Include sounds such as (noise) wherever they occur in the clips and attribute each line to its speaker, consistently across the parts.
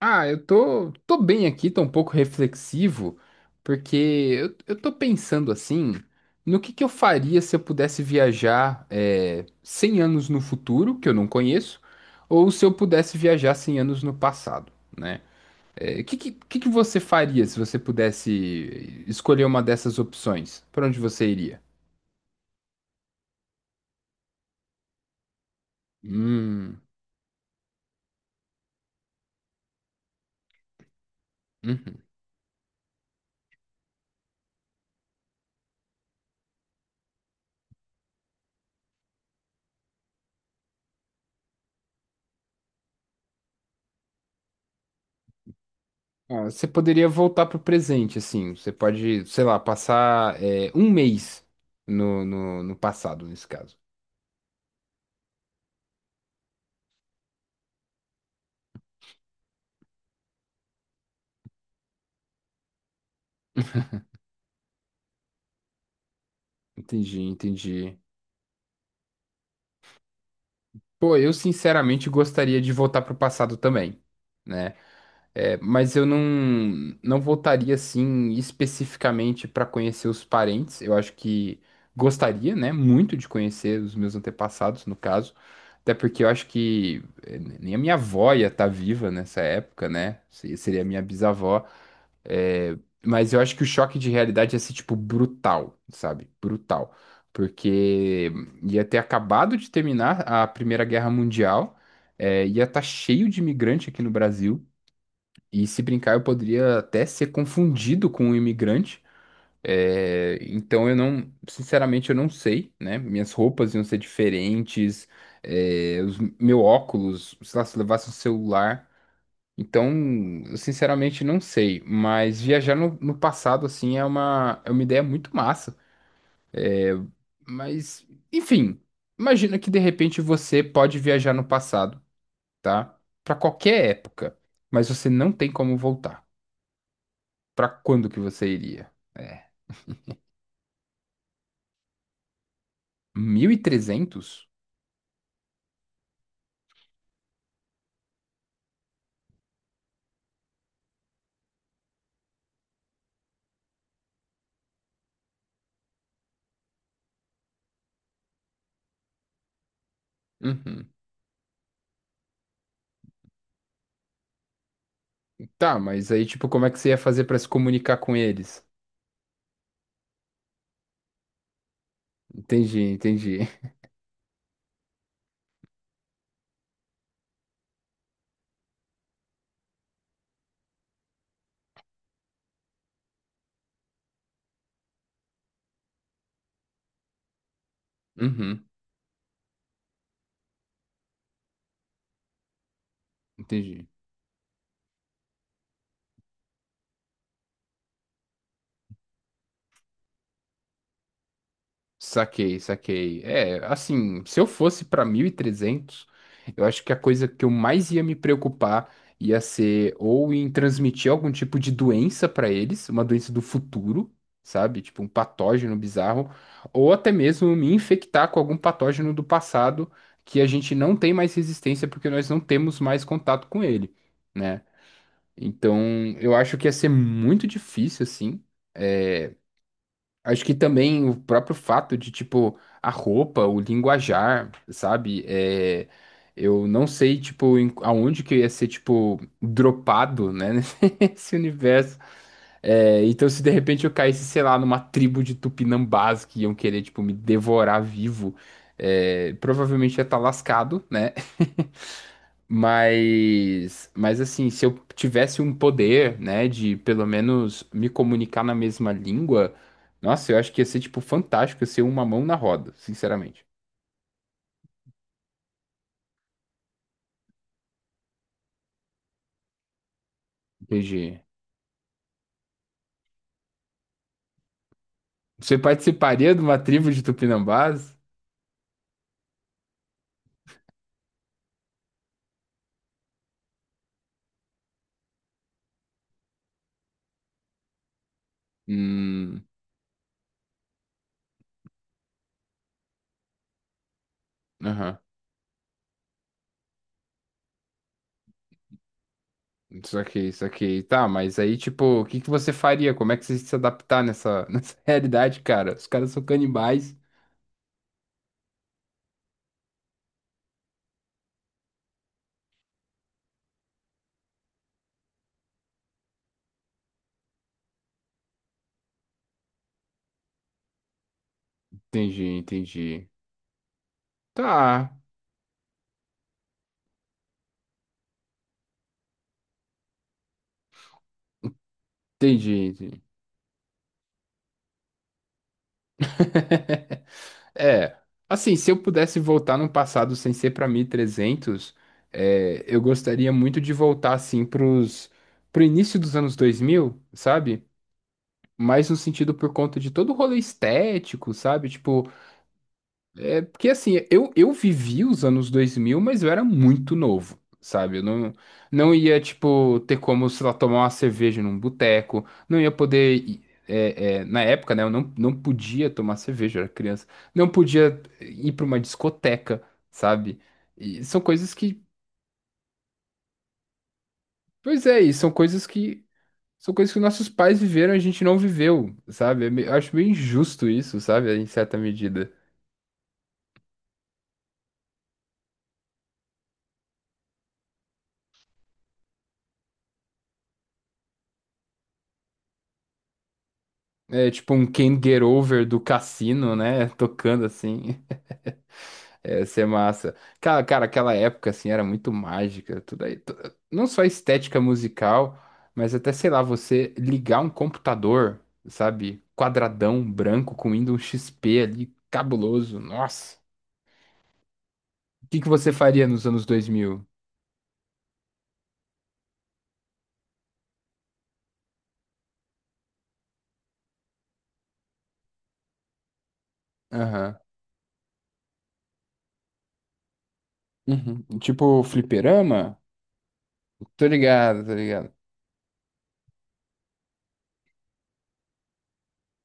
Speaker 1: Ah, eu tô bem aqui, tô um pouco reflexivo, porque eu tô pensando assim, no que eu faria se eu pudesse viajar 100 anos no futuro, que eu não conheço, ou se eu pudesse viajar 100 anos no passado, né? Que você faria se você pudesse escolher uma dessas opções? Para onde você iria? Hum, uhum. Ah, você poderia voltar pro presente, assim. Você pode, sei lá, passar um mês no passado, nesse caso. Entendi, entendi. Pô, eu sinceramente gostaria de voltar pro passado também, né? É, mas eu não, não voltaria, assim, especificamente para conhecer os parentes. Eu acho que gostaria, né, muito de conhecer os meus antepassados, no caso. Até porque eu acho que nem a minha avó ia estar viva nessa época, né? Seria a minha bisavó. É, mas eu acho que o choque de realidade ia ser, tipo, brutal, sabe? Brutal. Porque ia ter acabado de terminar a Primeira Guerra Mundial, é, ia estar cheio de imigrante aqui no Brasil, e se brincar, eu poderia até ser confundido com um imigrante. É, então eu não, sinceramente, eu não sei, né? Minhas roupas iam ser diferentes, é, meu óculos, sei lá, se eu levasse um celular. Então, eu sinceramente não sei, mas viajar no passado, assim, é uma ideia muito massa. Mas, enfim, imagina que de repente você pode viajar no passado, tá? Pra qualquer época, mas você não tem como voltar. Pra quando que você iria? É, 1300? Uhum. Tá, mas aí, tipo, como é que você ia fazer pra se comunicar com eles? Entendi, entendi. (laughs) Uhum, entendi. Saquei, saquei. É, assim, se eu fosse para 1300 eu acho que a coisa que eu mais ia me preocupar ia ser ou em transmitir algum tipo de doença para eles, uma doença do futuro, sabe? Tipo um patógeno bizarro, ou até mesmo me infectar com algum patógeno do passado que a gente não tem mais resistência porque nós não temos mais contato com ele, né? Então, eu acho que ia ser muito difícil, assim. é, Acho que também o próprio fato de, tipo, a roupa, o linguajar, sabe? É, eu não sei, tipo, aonde que eu ia ser, tipo, dropado, né? (laughs) Nesse universo. É, então, se de repente eu caísse, sei lá, numa tribo de tupinambás que iam querer, tipo, me devorar vivo, é, provavelmente ia estar lascado, né? Mas assim, se eu tivesse um poder, né, de pelo menos me comunicar na mesma língua, nossa, eu acho que ia ser, tipo, fantástico ia ser uma mão na roda, sinceramente. Entendi. Você participaria de uma tribo de Tupinambás? Hum, aham. Só que isso aqui. Tá, mas aí, tipo, o que que você faria? Como é que você ia se adaptar nessa, (laughs) nessa realidade, cara? Os caras são canibais. Entendi, entendi. Tá, entendi, entendi. (laughs) É, assim, se eu pudesse voltar no passado sem ser pra 1300, é, eu gostaria muito de voltar, assim, pro início dos anos 2000, sabe? Mais no sentido por conta de todo o rolê estético, sabe? Tipo, é porque assim, eu vivi os anos 2000 mas eu era muito novo, sabe? Eu não, não ia, tipo, ter como, sei lá, tomar uma cerveja num boteco, não ia poder. É, é, na época, né, eu não, não podia tomar cerveja, eu era criança, não podia ir para uma discoteca, sabe? E são coisas que. Pois é, e são coisas que. São coisas que nossos pais viveram e a gente não viveu, sabe? Eu acho meio injusto isso, sabe? Em certa medida. É tipo um Can't Get Over do Cassino, né? Tocando assim. (laughs) É, ia ser massa. Cara, aquela época assim era muito mágica, tudo aí. Não só a estética musical, mas até, sei lá, você ligar um computador, sabe? Quadradão, branco, com Windows XP ali, cabuloso. Nossa. O que que você faria nos anos 2000? Aham. Uhum. Tipo fliperama? Tô ligado, tô ligado.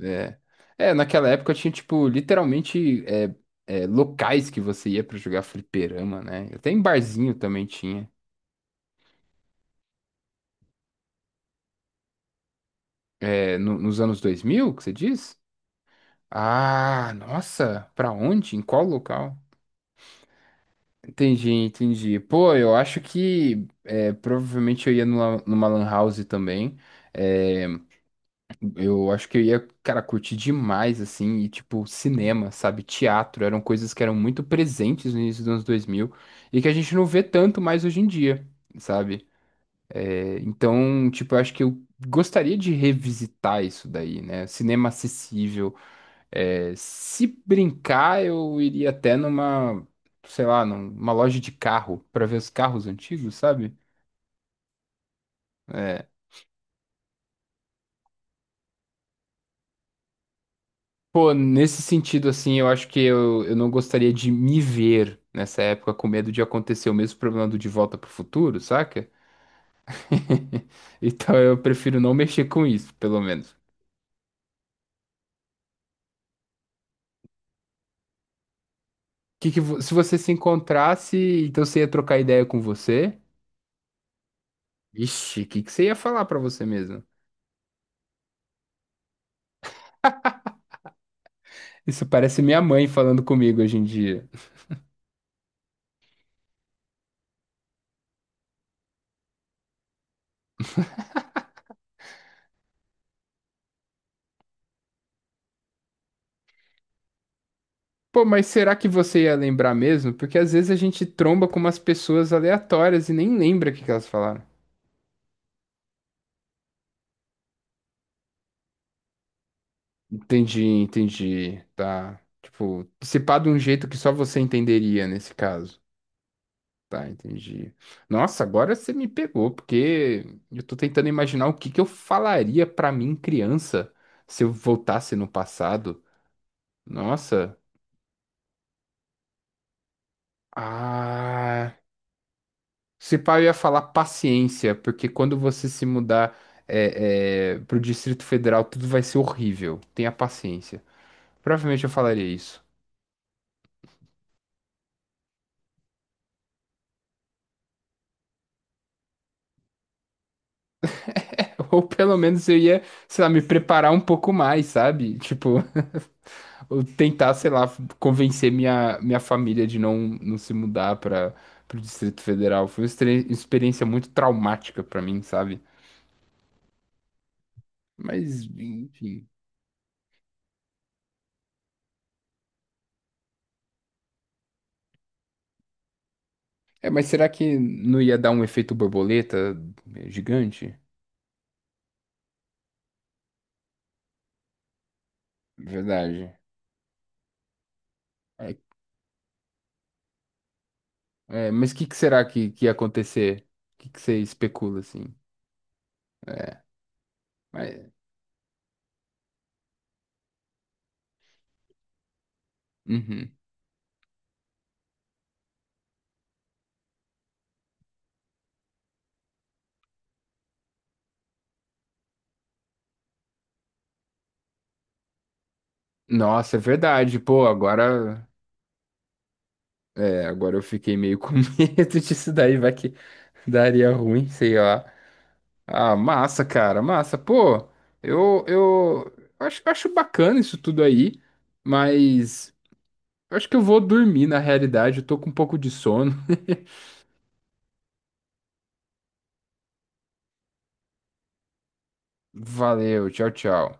Speaker 1: É. É, naquela época tinha, tipo, literalmente locais que você ia pra jogar fliperama, né? Até em barzinho também tinha. É, nos anos 2000, que você diz? Ah, nossa, pra onde? Em qual local? Entendi, entendi. Pô, eu acho que é, provavelmente eu ia numa, numa lan house também. É, eu acho que eu ia, cara, curtir demais, assim, e tipo, cinema, sabe? Teatro, eram coisas que eram muito presentes no início dos anos 2000 e que a gente não vê tanto mais hoje em dia, sabe? É, então, tipo, eu acho que eu gostaria de revisitar isso daí, né? Cinema acessível. É, se brincar, eu iria até numa, sei lá, numa loja de carro pra ver os carros antigos, sabe? É, pô, nesse sentido, assim, eu acho que eu não gostaria de me ver nessa época com medo de acontecer o mesmo problema do De Volta pro Futuro, saca? (laughs) Então eu prefiro não mexer com isso, pelo menos. Se você se encontrasse, então você ia trocar ideia com você? Ixi, o que que você ia falar pra você mesmo? Isso parece minha mãe falando comigo hoje em dia. Pô, mas será que você ia lembrar mesmo? Porque às vezes a gente tromba com umas pessoas aleatórias e nem lembra o que que elas falaram. Entendi, entendi. Tá. Tipo, se pá de um jeito que só você entenderia nesse caso. Tá, entendi. Nossa, agora você me pegou, porque eu tô tentando imaginar o que que eu falaria pra mim, criança, se eu voltasse no passado. Nossa. Ah. Se pá, eu ia falar paciência, porque quando você se mudar pro Distrito Federal, tudo vai ser horrível. Tenha paciência. Provavelmente eu falaria isso. (laughs) Ou pelo menos eu ia, sei lá, me preparar um pouco mais, sabe? Tipo, (laughs) ou tentar, sei lá, convencer minha família de não se mudar para o Distrito Federal. Foi uma experiência muito traumática para mim, sabe? Mas, enfim. É, mas será que não ia dar um efeito borboleta gigante? Verdade. É, mas o que, que será que ia acontecer? O que, que você especula, assim? É, mas, uhum. Nossa, é verdade. Pô, agora. É, agora eu fiquei meio com (laughs) medo disso daí, vai que daria ruim, sei lá. Ah, massa, cara, massa. Pô, eu acho bacana isso tudo aí, mas eu acho que eu vou dormir na realidade, eu tô com um pouco de sono. (laughs) Valeu, tchau, tchau.